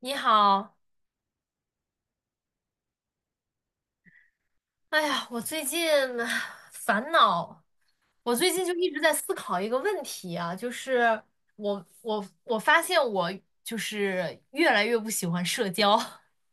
你好，哎呀，我最近唉烦恼，我最近就一直在思考一个问题啊，就是我发现我就是越来越不喜欢社交，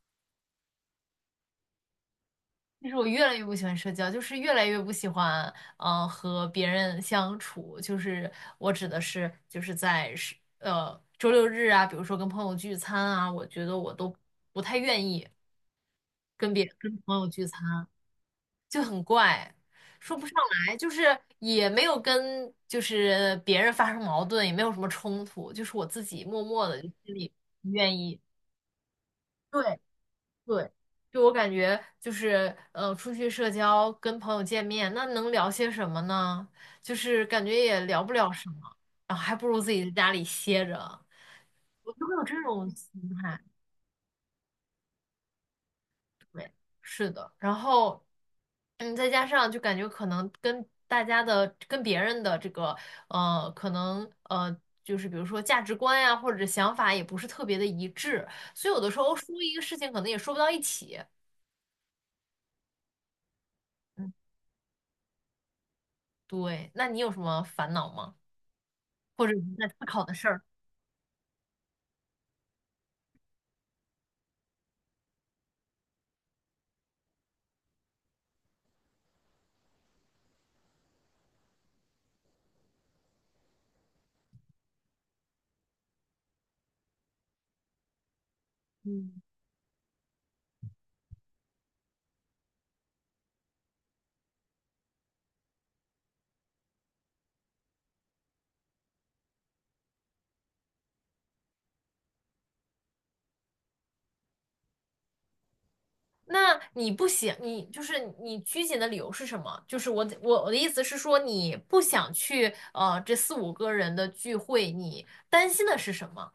就是我越来越不喜欢社交，就是越来越不喜欢和别人相处，就是我指的是就是周六日啊，比如说跟朋友聚餐啊，我觉得我都不太愿意跟别跟朋友聚餐。就很怪，说不上来，就是也没有跟就是别人发生矛盾，也没有什么冲突，就是我自己默默的就心里不愿意。对对，就我感觉就是出去社交跟朋友见面，那能聊些什么呢？就是感觉也聊不了什么，然后还不如自己在家里歇着，我就会有这种心态。是的，然后，再加上就感觉可能跟大家的、跟别人的这个，可能就是比如说价值观呀、或者想法也不是特别的一致，所以有的时候说一个事情可能也说不到一起。嗯，对，那你有什么烦恼吗？或者你在思考的事儿？嗯，那你不想，你就是你拘谨的理由是什么？就是我的意思是说，你不想去这四五个人的聚会，你担心的是什么？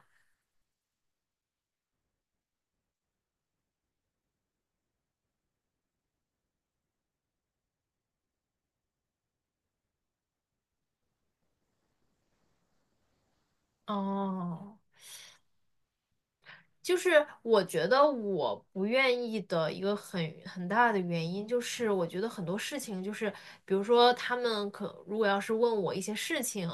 哦，就是我觉得我不愿意的一个很大的原因，就是我觉得很多事情，就是比如说他们如果要是问我一些事情，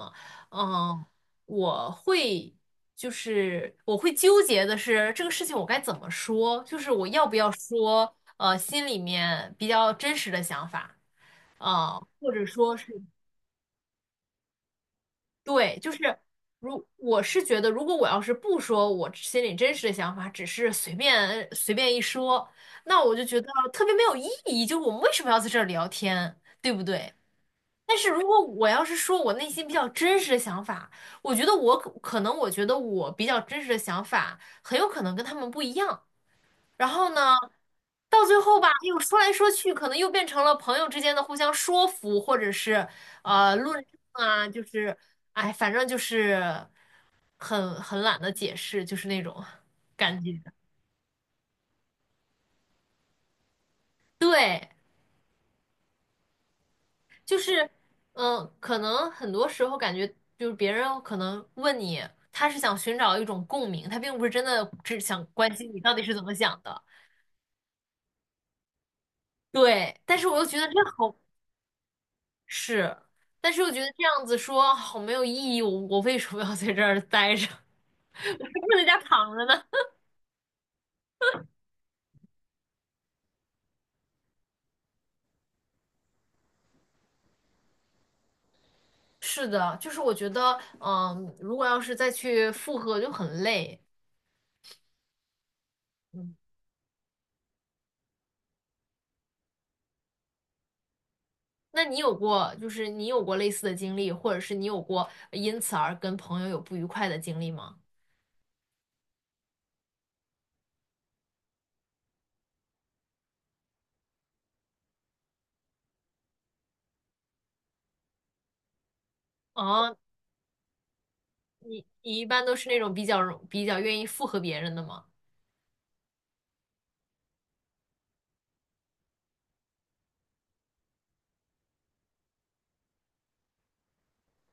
嗯，我会就是我会纠结的是这个事情我该怎么说，就是我要不要说，心里面比较真实的想法，啊、或者说是。对，就是如我是觉得，如果我要是不说我心里真实的想法，只是随便随便一说，那我就觉得特别没有意义。就是我们为什么要在这儿聊天，对不对？但是如果我要是说我内心比较真实的想法，我觉得我比较真实的想法很有可能跟他们不一样。然后呢，到最后吧，又说来说去，可能又变成了朋友之间的互相说服，或者是论证啊，就是哎，反正就是很懒得解释，就是那种感觉。对，就是可能很多时候感觉就是别人可能问你，他是想寻找一种共鸣，他并不是真的只想关心你到底是怎么想的。对，但是我又觉得这好。是，但是我觉得这样子说好没有意义，我为什么要在这儿待着？不在家躺着呢？是的，就是我觉得，如果要是再去复合就很累。嗯，那你有过，就是你有过类似的经历，或者是你有过因此而跟朋友有不愉快的经历吗？哦，你一般都是那种比较愿意附和别人的吗？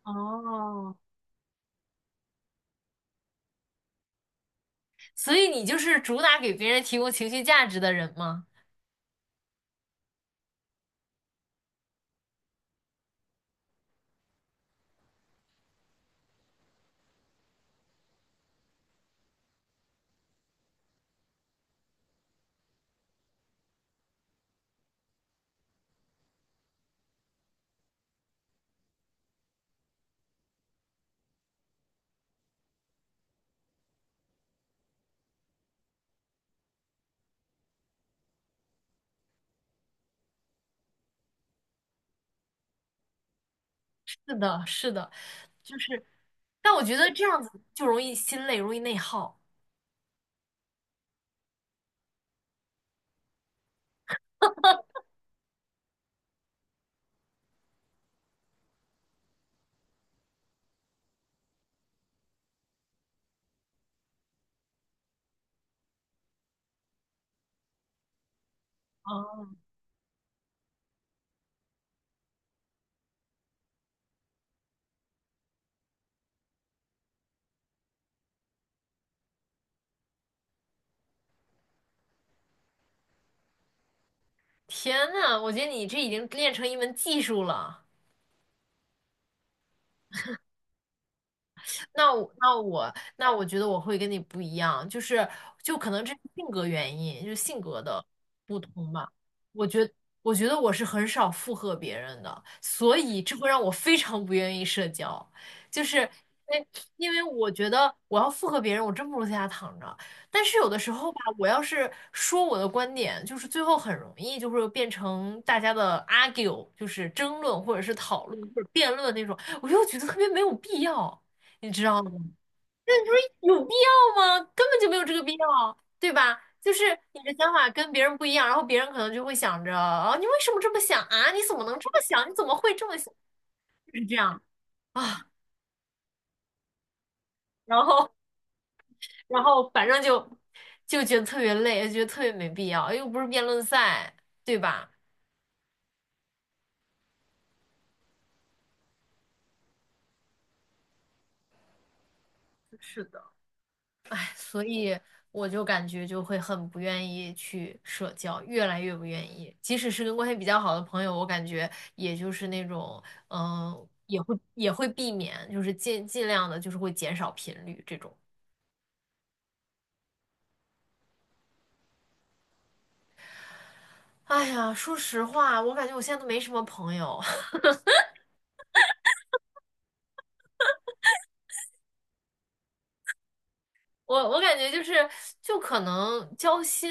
哦，所以你就是主打给别人提供情绪价值的人吗？是的，是的。就是，但我觉得这样子就容易心累，容易内耗。哦，天呐，我觉得你这已经练成一门技术了。那我觉得我会跟你不一样，就是可能这是性格原因，就是性格的不同吧。我觉我觉得我是很少附和别人的，所以这会让我非常不愿意社交，就是因为因为我觉得我要附和别人，我真不如在家躺着。但是有的时候吧，我要是说我的观点，就是最后很容易就会变成大家的 argue，就是争论或者是讨论或者辩论那种，我又觉得特别没有必要。你知道吗？有必要吗？根本就没有这个必要，对吧？就是你的想法跟别人不一样，然后别人可能就会想着，啊，你为什么这么想啊？你怎么能这么想？你怎么会这么想？就是这样啊，然后，然后反正就觉得特别累，觉得特别没必要，又不是辩论赛，对吧？是的。所以我就感觉就会很不愿意去社交，越来越不愿意。即使是跟关系比较好的朋友，我感觉也就是那种，也会避免，就是尽量的，就是会减少频率这种。哎呀，说实话，我感觉我现在都没什么朋友。我感觉就是，就可能交心，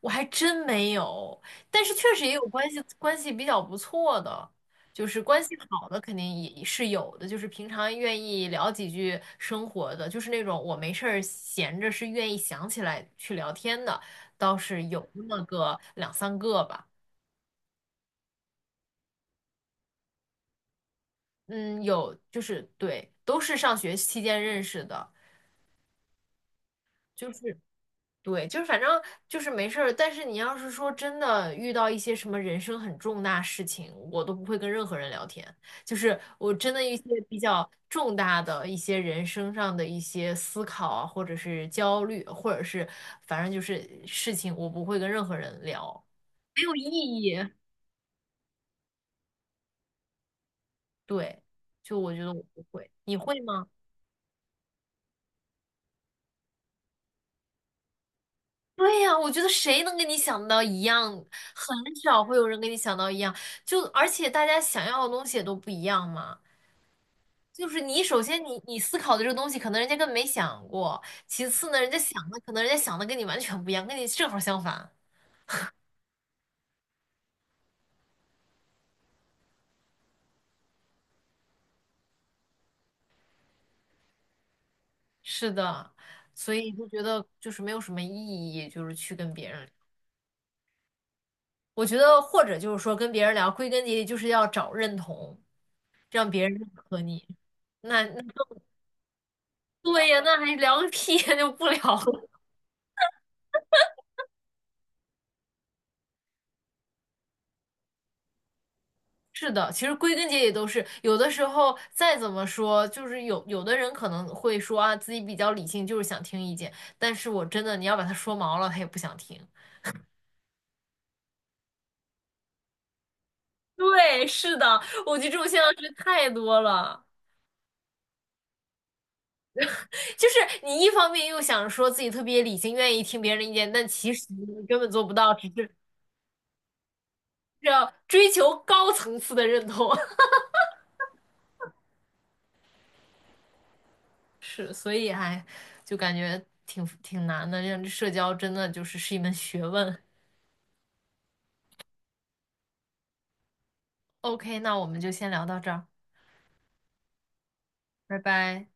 我还真没有，但是确实也有关系，关系比较不错的，就是关系好的肯定也是有的，就是平常愿意聊几句生活的，就是那种我没事儿闲着是愿意想起来去聊天的，倒是有那么个两三个吧，嗯，有就是对，都是上学期间认识的，就是。对，就是反正就是没事儿，但是你要是说真的遇到一些什么人生很重大事情，我都不会跟任何人聊天。就是我真的一些比较重大的一些人生上的一些思考啊，或者是焦虑，或者是反正就是事情，我不会跟任何人聊，没有意义。对，就我觉得我不会，你会吗？对呀，我觉得谁能跟你想到一样，很少会有人跟你想到一样，就而且大家想要的东西也都不一样嘛。就是你首先你思考的这个东西，可能人家根本没想过。其次呢，人家想的可能人家想的跟你完全不一样，跟你正好相反。是的，所以就觉得就是没有什么意义，就是去跟别人聊我觉得或者就是说跟别人聊，归根结底就是要找认同，让别人认可你。那对呀，那还聊个屁呀，就不聊了。是的，其实归根结底都是有的时候再怎么说，就是有的人可能会说啊，自己比较理性，就是想听意见，但是我真的你要把他说毛了，他也不想听。对，是的，我觉得这种现象是太多了。就是你一方面又想说自己特别理性，愿意听别人的意见，但其实你根本做不到，只是要追求高层次的认同。是，所以还就感觉挺难的，让社交真的就是一门学问。OK，那我们就先聊到这儿。拜拜。